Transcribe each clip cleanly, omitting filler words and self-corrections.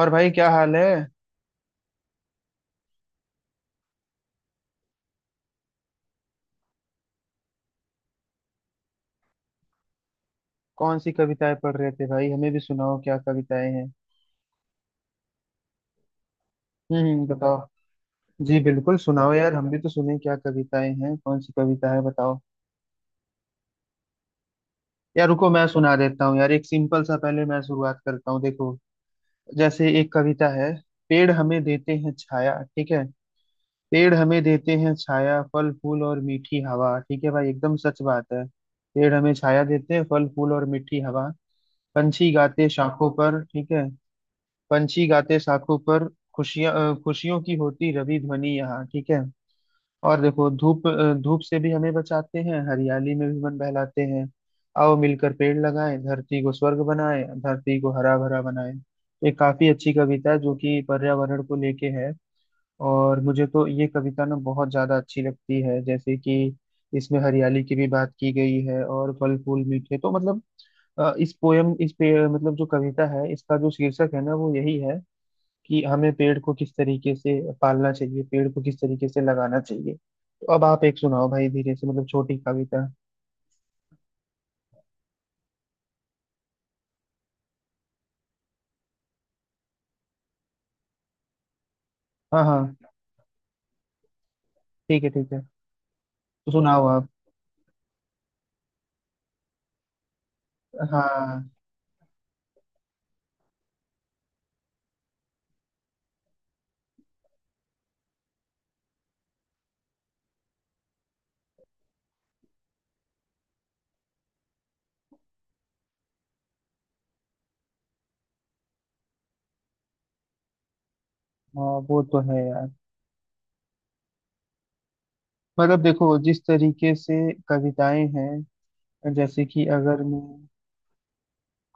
और भाई क्या हाल है। कौन सी कविताएं पढ़ रहे थे भाई, हमें भी सुनाओ, क्या कविताएं हैं। बताओ। जी बिल्कुल सुनाओ यार, हम भी तो सुने, क्या कविताएं हैं, कौन सी कविता है बताओ। यार रुको, मैं सुना देता हूँ यार, एक सिंपल सा पहले मैं शुरुआत करता हूँ, देखो। जैसे एक कविता है। पेड़ हमें देते हैं छाया, ठीक है। पेड़ हमें देते हैं छाया, फल फूल और मीठी हवा, ठीक है भाई, एकदम सच बात है। पेड़ हमें छाया देते हैं, फल फूल और मीठी हवा। पंछी गाते शाखों पर, ठीक है। पंछी गाते शाखों पर, खुशियां, खुशियों की होती रवि ध्वनि यहाँ, ठीक है। और देखो, धूप धूप से भी हमें बचाते हैं, हरियाली में भी मन बहलाते हैं। आओ मिलकर पेड़ लगाएं, धरती को स्वर्ग बनाएं, धरती को हरा भरा बनाएं। ये काफी अच्छी कविता है जो कि पर्यावरण को लेके है। और मुझे तो ये कविता ना बहुत ज्यादा अच्छी लगती है, जैसे कि इसमें हरियाली की भी बात की गई है, और फल फूल मीठे, तो मतलब इस पोयम, इस पे मतलब जो कविता है, इसका जो शीर्षक है ना वो यही है कि हमें पेड़ को किस तरीके से पालना चाहिए, पेड़ को किस तरीके से लगाना चाहिए। तो अब आप एक सुनाओ भाई, धीरे से मतलब छोटी कविता। हाँ हाँ। ठीक है ठीक है। तो सुनाओ आप। हाँ, हाँ वो तो है यार। मतलब देखो, जिस तरीके से कविताएं हैं, जैसे कि अगर मैं।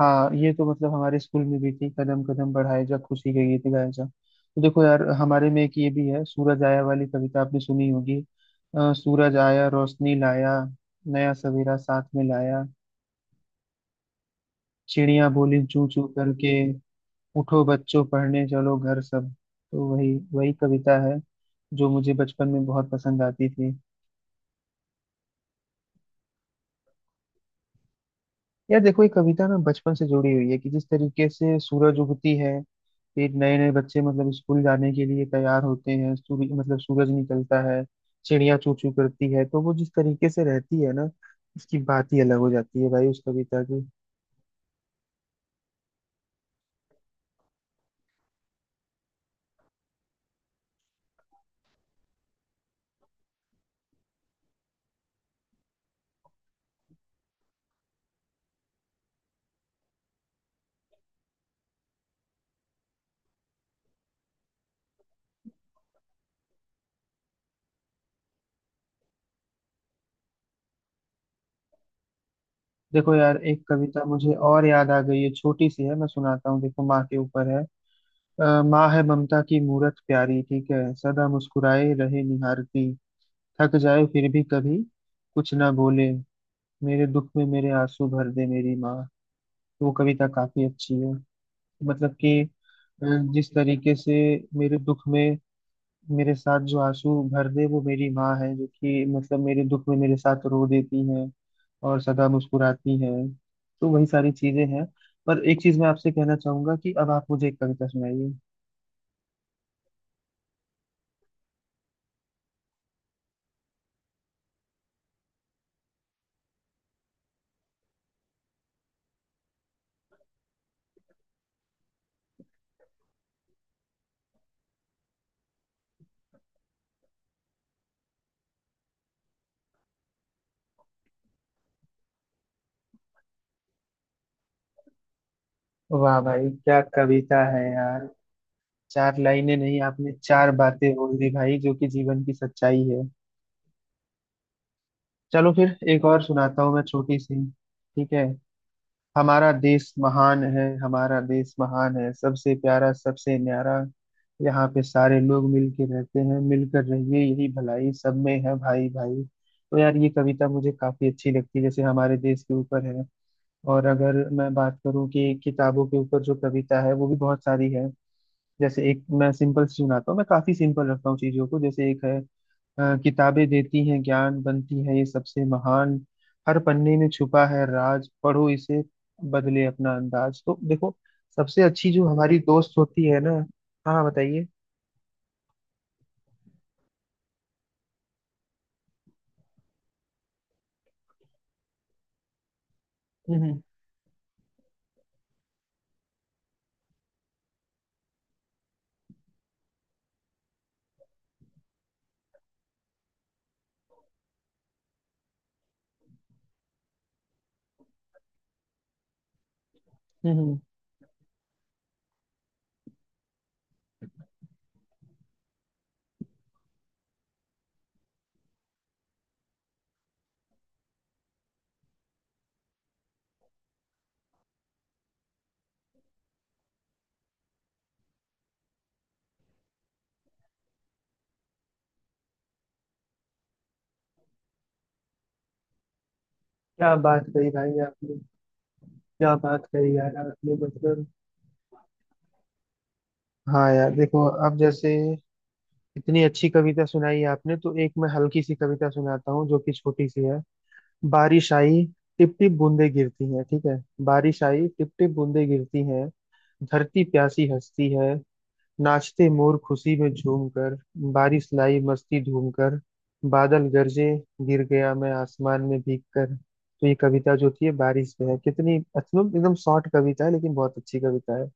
हाँ, ये तो मतलब हमारे स्कूल में भी थी, कदम कदम बढ़ाए जा, खुशी के गीत गाए जा। तो देखो यार, हमारे में एक ये भी है, सूरज आया वाली कविता आपने सुनी होगी। सूरज आया रोशनी लाया, नया सवेरा साथ में लाया, चिड़िया बोली चू चू करके, उठो बच्चों पढ़ने चलो घर सब। तो वही वही कविता है जो मुझे बचपन में बहुत पसंद आती थी। यार देखो, ये कविता ना बचपन से जुड़ी हुई है कि जिस तरीके से सूरज उगती है, फिर नए नए बच्चे मतलब स्कूल जाने के लिए तैयार होते हैं, सूर्य मतलब सूरज निकलता है, चिड़िया चू चू करती है, तो वो जिस तरीके से रहती है ना, उसकी बात ही अलग हो जाती है भाई, उस कविता की। देखो यार, एक कविता मुझे और याद आ गई है, छोटी सी है मैं सुनाता हूँ, देखो माँ के ऊपर है। माँ है ममता की मूरत प्यारी, ठीक है, सदा मुस्कुराए रहे निहारती, थक जाए फिर भी कभी कुछ ना बोले, मेरे दुख में मेरे आंसू भर दे मेरी माँ। वो कविता काफी अच्छी है। मतलब कि अ, जिस तरीके से मेरे दुख में मेरे साथ जो आंसू भर दे वो मेरी माँ है, जो कि मतलब मेरे दुख में मेरे साथ रो देती है और सदा मुस्कुराती है, तो वही सारी चीजें हैं। पर एक चीज मैं आपसे कहना चाहूंगा कि अब आप मुझे एक कविता सुनाइए। वाह भाई, क्या कविता है यार। चार लाइनें नहीं, आपने चार बातें बोल दी भाई, जो कि जीवन की सच्चाई है। चलो फिर एक और सुनाता हूँ मैं, छोटी सी, ठीक है। हमारा देश महान है, हमारा देश महान है, सबसे प्यारा सबसे न्यारा, यहाँ पे सारे लोग मिलके रहते हैं, मिलकर रहिए यही भलाई, सब में है भाई भाई। तो यार ये कविता मुझे काफी अच्छी लगती है, जैसे हमारे देश के ऊपर है। और अगर मैं बात करूँ कि किताबों के ऊपर जो कविता है वो भी बहुत सारी है। जैसे एक मैं सिंपल सी सुनाता हूँ, मैं काफी सिंपल रखता हूँ चीजों को, जैसे एक है। किताबें देती हैं ज्ञान, बनती है ये सबसे महान, हर पन्ने में छुपा है राज, पढ़ो इसे बदले अपना अंदाज। तो देखो, सबसे अच्छी जो हमारी दोस्त होती है ना। हाँ बताइए। हम्म हम्म, क्या बात कही भाई आपने। क्या बात कही यार आपने, मतलब। हाँ यार देखो, अब जैसे इतनी अच्छी कविता सुनाई आपने, तो एक मैं हल्की सी कविता सुनाता हूँ जो कि छोटी सी है। बारिश आई, टिप टिप बूंदे गिरती हैं, ठीक है। बारिश आई टिप टिप बूंदे गिरती हैं, धरती प्यासी हंसती है, नाचते मोर खुशी में झूम कर, बारिश लाई मस्ती धूम कर, बादल गरजे, गिर गया मैं आसमान में भीग कर। तो ये कविता जो थी ये बारिश पे है, कितनी मतलब एकदम शॉर्ट कविता है, लेकिन बहुत अच्छी कविता है।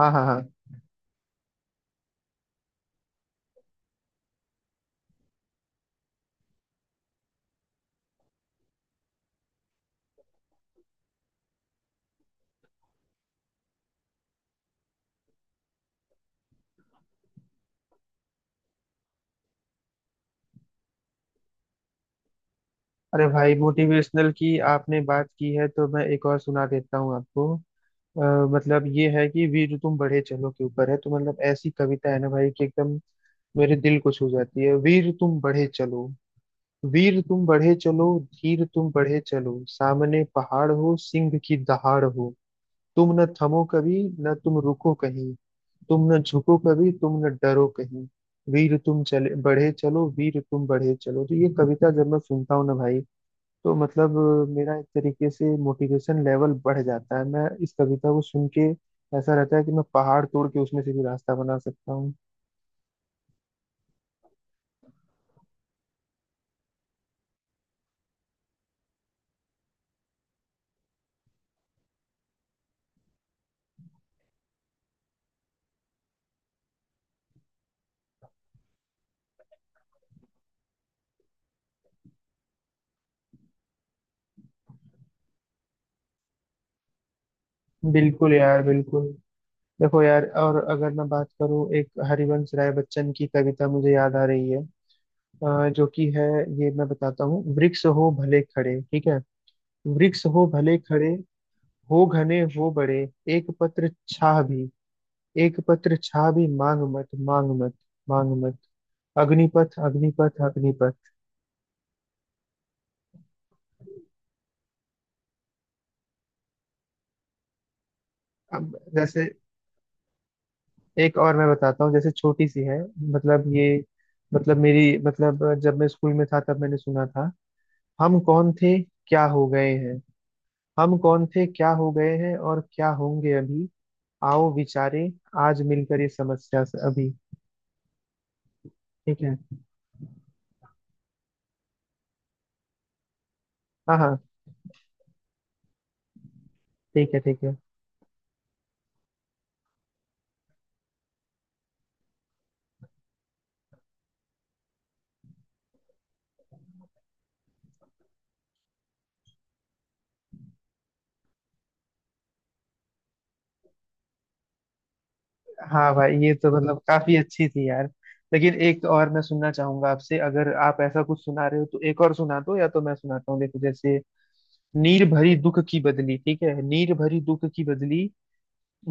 हाँ हाँ हाँ। अरे भाई, मोटिवेशनल की आपने बात की है तो मैं एक और सुना देता हूँ आपको। अ, मतलब ये है कि वीर तो तुम बढ़े चलो के ऊपर है, तो मतलब ऐसी कविता है ना भाई, कि एकदम मेरे दिल को छू जाती है। वीर तुम बढ़े चलो, वीर तुम बढ़े चलो, धीर तुम बढ़े चलो, सामने पहाड़ हो सिंह की दहाड़ हो, तुम न थमो कभी न तुम रुको कहीं, तुम न झुको कभी तुम न डरो कहीं, वीर तुम चले बढ़े चलो, वीर तुम बढ़े चलो। तो ये कविता जब मैं सुनता हूँ ना भाई, तो मतलब मेरा एक तरीके से मोटिवेशन लेवल बढ़ जाता है। मैं इस कविता को सुन के ऐसा रहता है कि मैं पहाड़ तोड़ के उसमें से भी रास्ता बना सकता हूँ। बिल्कुल यार, बिल्कुल। देखो यार, और अगर मैं बात करूँ, एक हरिवंश राय बच्चन की कविता मुझे याद आ रही है। जो कि है, ये मैं बताता हूँ। वृक्ष हो भले खड़े, ठीक है। वृक्ष हो भले खड़े, हो घने हो बड़े, एक पत्र छाह भी, एक पत्र छाह भी मांग मत, मांग मत, मांग मत, अग्निपथ अग्निपथ अग्निपथ। अब जैसे एक और मैं बताता हूँ, जैसे छोटी सी है। मतलब ये मतलब मेरी मतलब जब मैं स्कूल में था तब मैंने सुना था। हम कौन थे, क्या हो गए हैं, हम कौन थे क्या हो गए हैं और क्या होंगे अभी, आओ विचारे आज मिलकर ये समस्या से अभी। ठीक है। हाँ हाँ। ठीक है ठीक है। हाँ भाई, ये तो मतलब काफी अच्छी थी यार। लेकिन एक और मैं सुनना चाहूंगा आपसे, अगर आप ऐसा कुछ सुना रहे हो तो एक और सुना दो, या तो मैं सुनाता हूँ, देखो जैसे। नीर भरी दुख की बदली, ठीक है। नीर भरी दुख की बदली,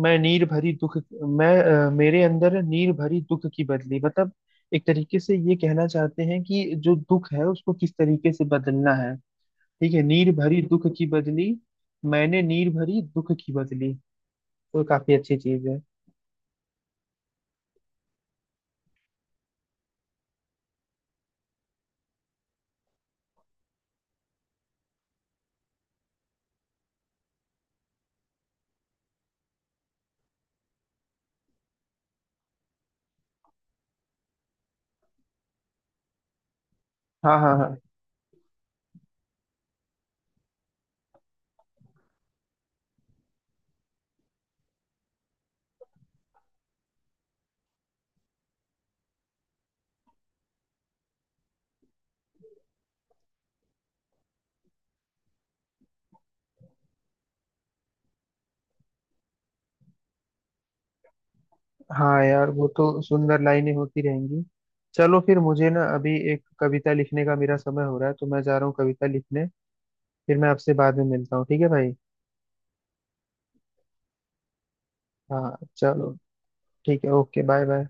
मैं नीर भरी दुख, मैं मेरे अंदर नीर भरी दुख की बदली, मतलब एक तरीके से ये कहना चाहते हैं कि जो दुख है उसको किस तरीके से बदलना है, ठीक है। नीर भरी दुख की बदली, मैंने नीर भरी दुख की बदली, तो काफी अच्छी चीज है। हाँ हाँ हाँ। हाँ यार, वो तो सुंदर लाइनें होती रहेंगी। चलो फिर, मुझे ना अभी एक कविता लिखने का मेरा समय हो रहा है, तो मैं जा रहा हूँ कविता लिखने। फिर मैं आपसे बाद में मिलता हूँ, ठीक है भाई। हाँ चलो। ठीक है, ओके बाय बाय।